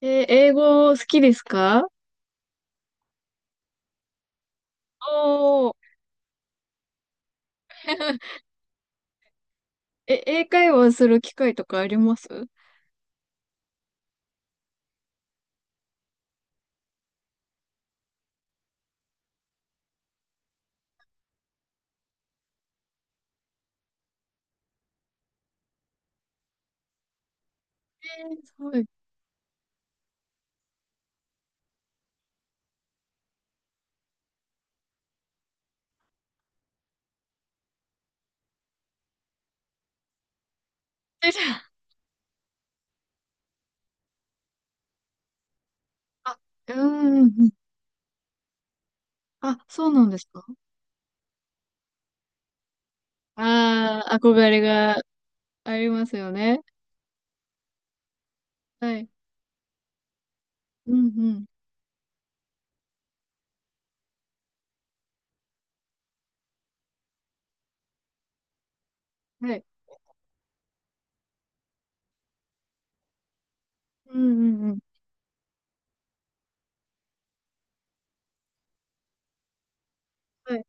英語好きですか？おー。え、英会話する機会とかありますすごい。え、じゃあ、あ、うーん。あ、そうなんですか？ああー、憧れがありますよね。はい。うんうん。はい。うんうんうん。はい。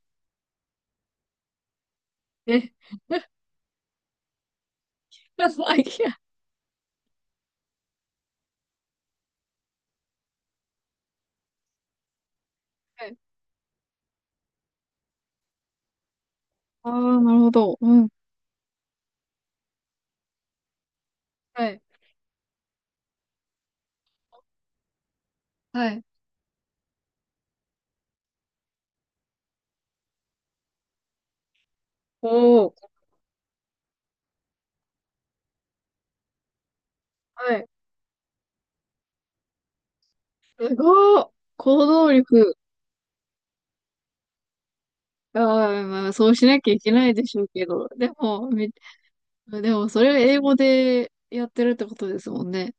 え、アイデはい。ああ、なるほど。うん。はい。はい。おー。はい。すごい。行動力。ああ、まあ、そうしなきゃいけないでしょうけど。でも、め。でも、それを英語でやってるってことですもんね。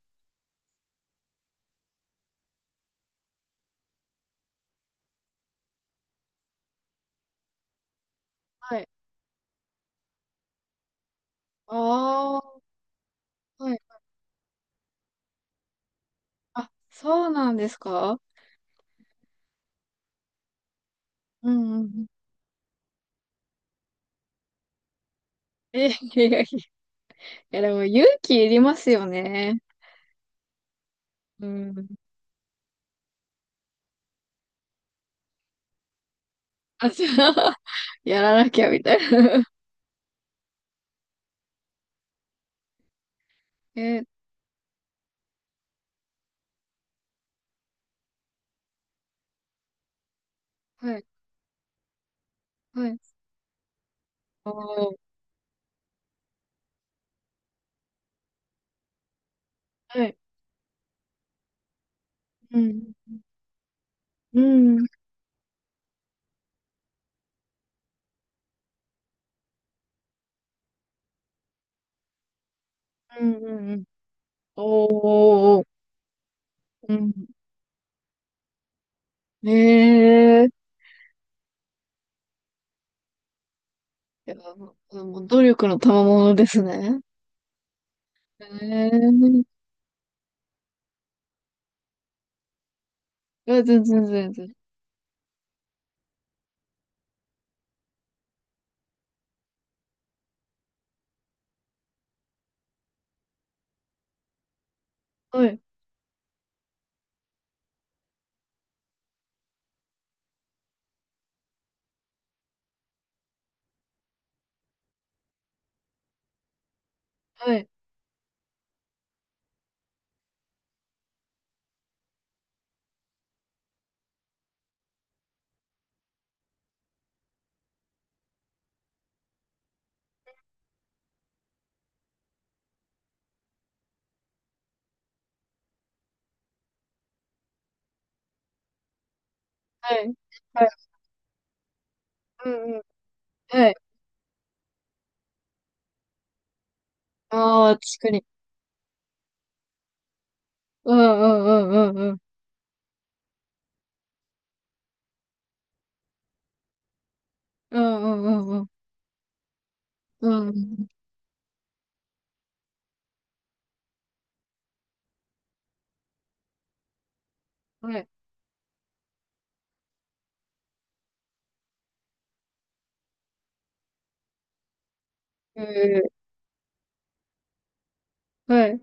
はい。ああ、はい。あ、そうなんですか？うんうんうん。え、いやいやいや、でも勇気いりますよね。うん。あ、じゃあ、やらなきゃみたいな。え、はい、はい。ああ、はい。うん。うん、うん、うん。うん。おー。うん。ええーい。や、もうもう努力の賜物ですね。ええーい。や、全然、全然。はいはい。はい。はい。うんうん。はい。ああ、確かに。うんうんうんうんうん。うんうんうんうん。うんうん。はい。ええ。はい。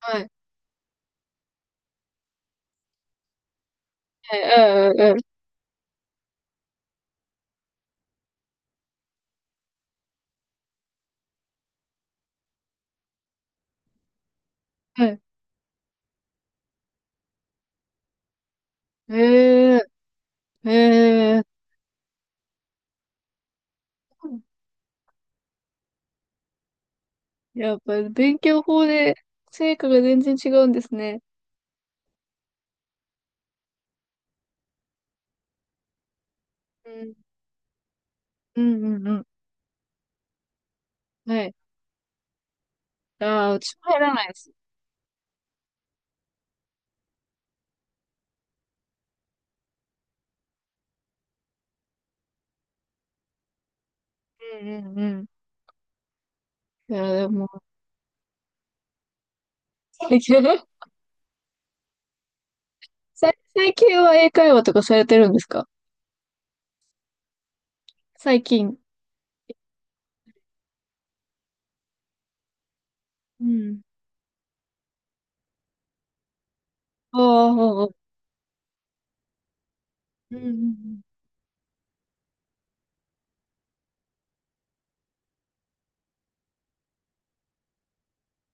はい。はい。うんうんうん。はい。ええ。ええ。やっぱ勉強法で成果が全然違うんですね。うん。うんうんうん。はい。ああ、うちも入らないです。うんうんうん。いや、でも、最近、最最近は英会話とかされてるんですか？最近。うん。ああ、ああ、うんうんうん。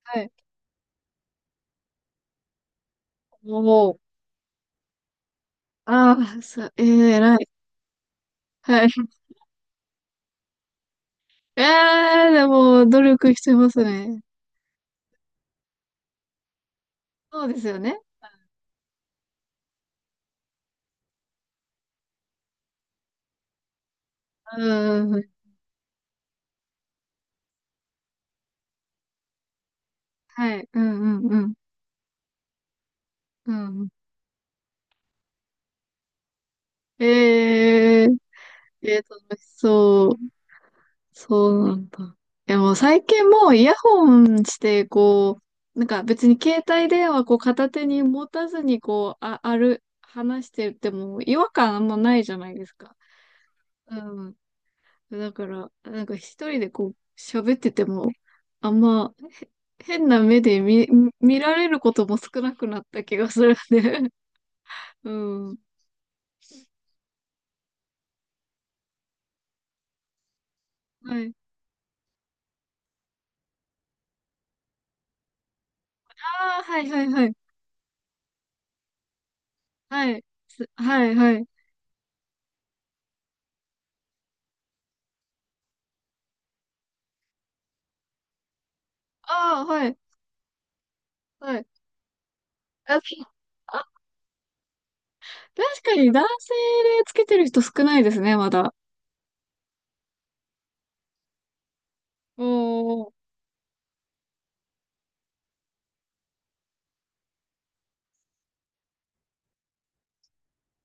はい。もう、ああ、さ、えー、偉い。はい。えー、でも、努力してますね。そうですよね。うんうんうん。はい。うんうんうん。うん。えー、えー、楽しそう。そうなんだ。え、もう最近もうイヤホンして、こう、なんか別に携帯電話こう片手に持たずにこう、あ、ある、話してても違和感あんまないじゃないですか。うん。だから、なんか一人でこう喋ってても、あんま、へ、変な目で見、見られることも少なくなった気がするね。うん。はい。ああ、はいはいはい。はい。はいはい。ああ、はい。はい。あ、あ、確かに男性でつけてる人少ないですね、まだ。おー、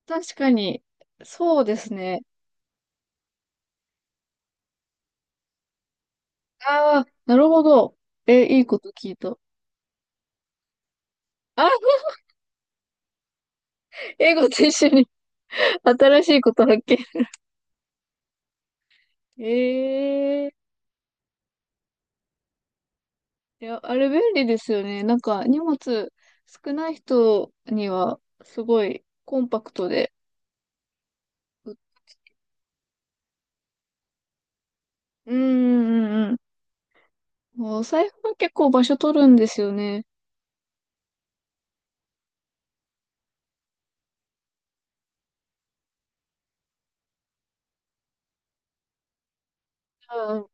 確かに。そうですね。ああ、なるほど。え、いいこと聞いた。あ、英語と一緒に新しいこと発見。ええ。いや、あれ便利ですよね。なんか荷物少ない人にはすごいコンパクトで。う。うんうんうん。うお財布は結構場所取るんですよね。うん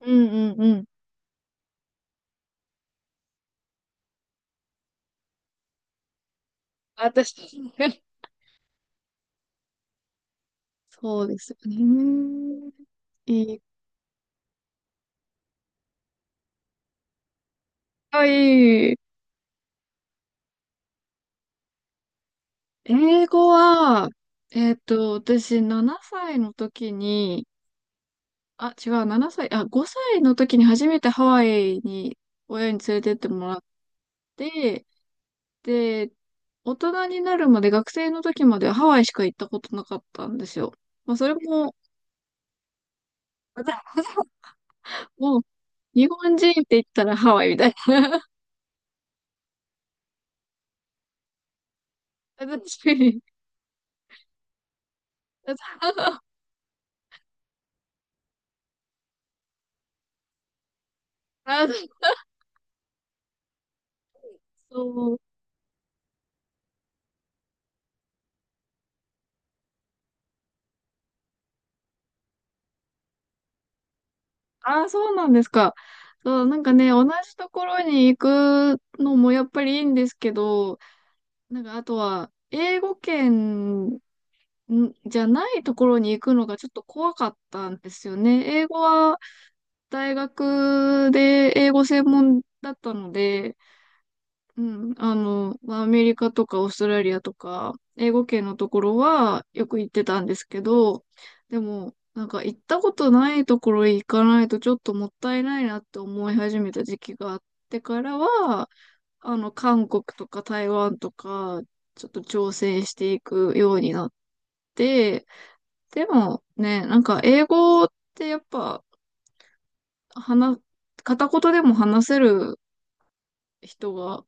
うんうんうん。私、そうですよね。いい。はい。英語は、えっと、私7歳の時に、あ、違う、7歳、あ、5歳の時に初めてハワイに親に連れてってもらっで、で、大人になるまで学生の時までハワイしか行ったことなかったんですよ。まあ、それも、もう、日本人って言ったらハワイみたいな。私、あ、そう、あ、そうなんですか。そう、なんかね、同じところに行くのもやっぱりいいんですけど、なんかあとは、英語圏んじゃないところに行くのがちょっと怖かったんですよね。英語は、大学で英語専門だったので、うん、あの、まあアメリカとかオーストラリアとか、英語圏のところはよく行ってたんですけど、でも、なんか行ったことないところへ行かないとちょっともったいないなって思い始めた時期があってからは、あの、韓国とか台湾とか、ちょっと挑戦していくようになって、でもね、なんか英語ってやっぱ話、片言でも話せる人が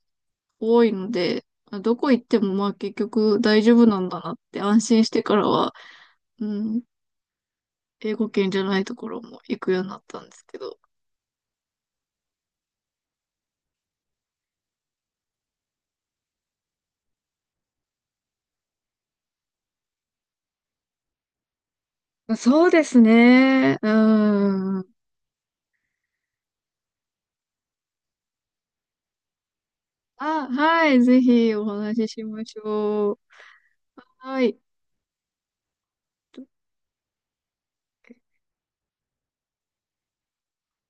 多いので、どこ行ってもまあ結局大丈夫なんだなって安心してからは、うん、英語圏じゃないところも行くようになったんですけど。そうですね。うん。あ、はい、ぜひお話ししましょう。はい。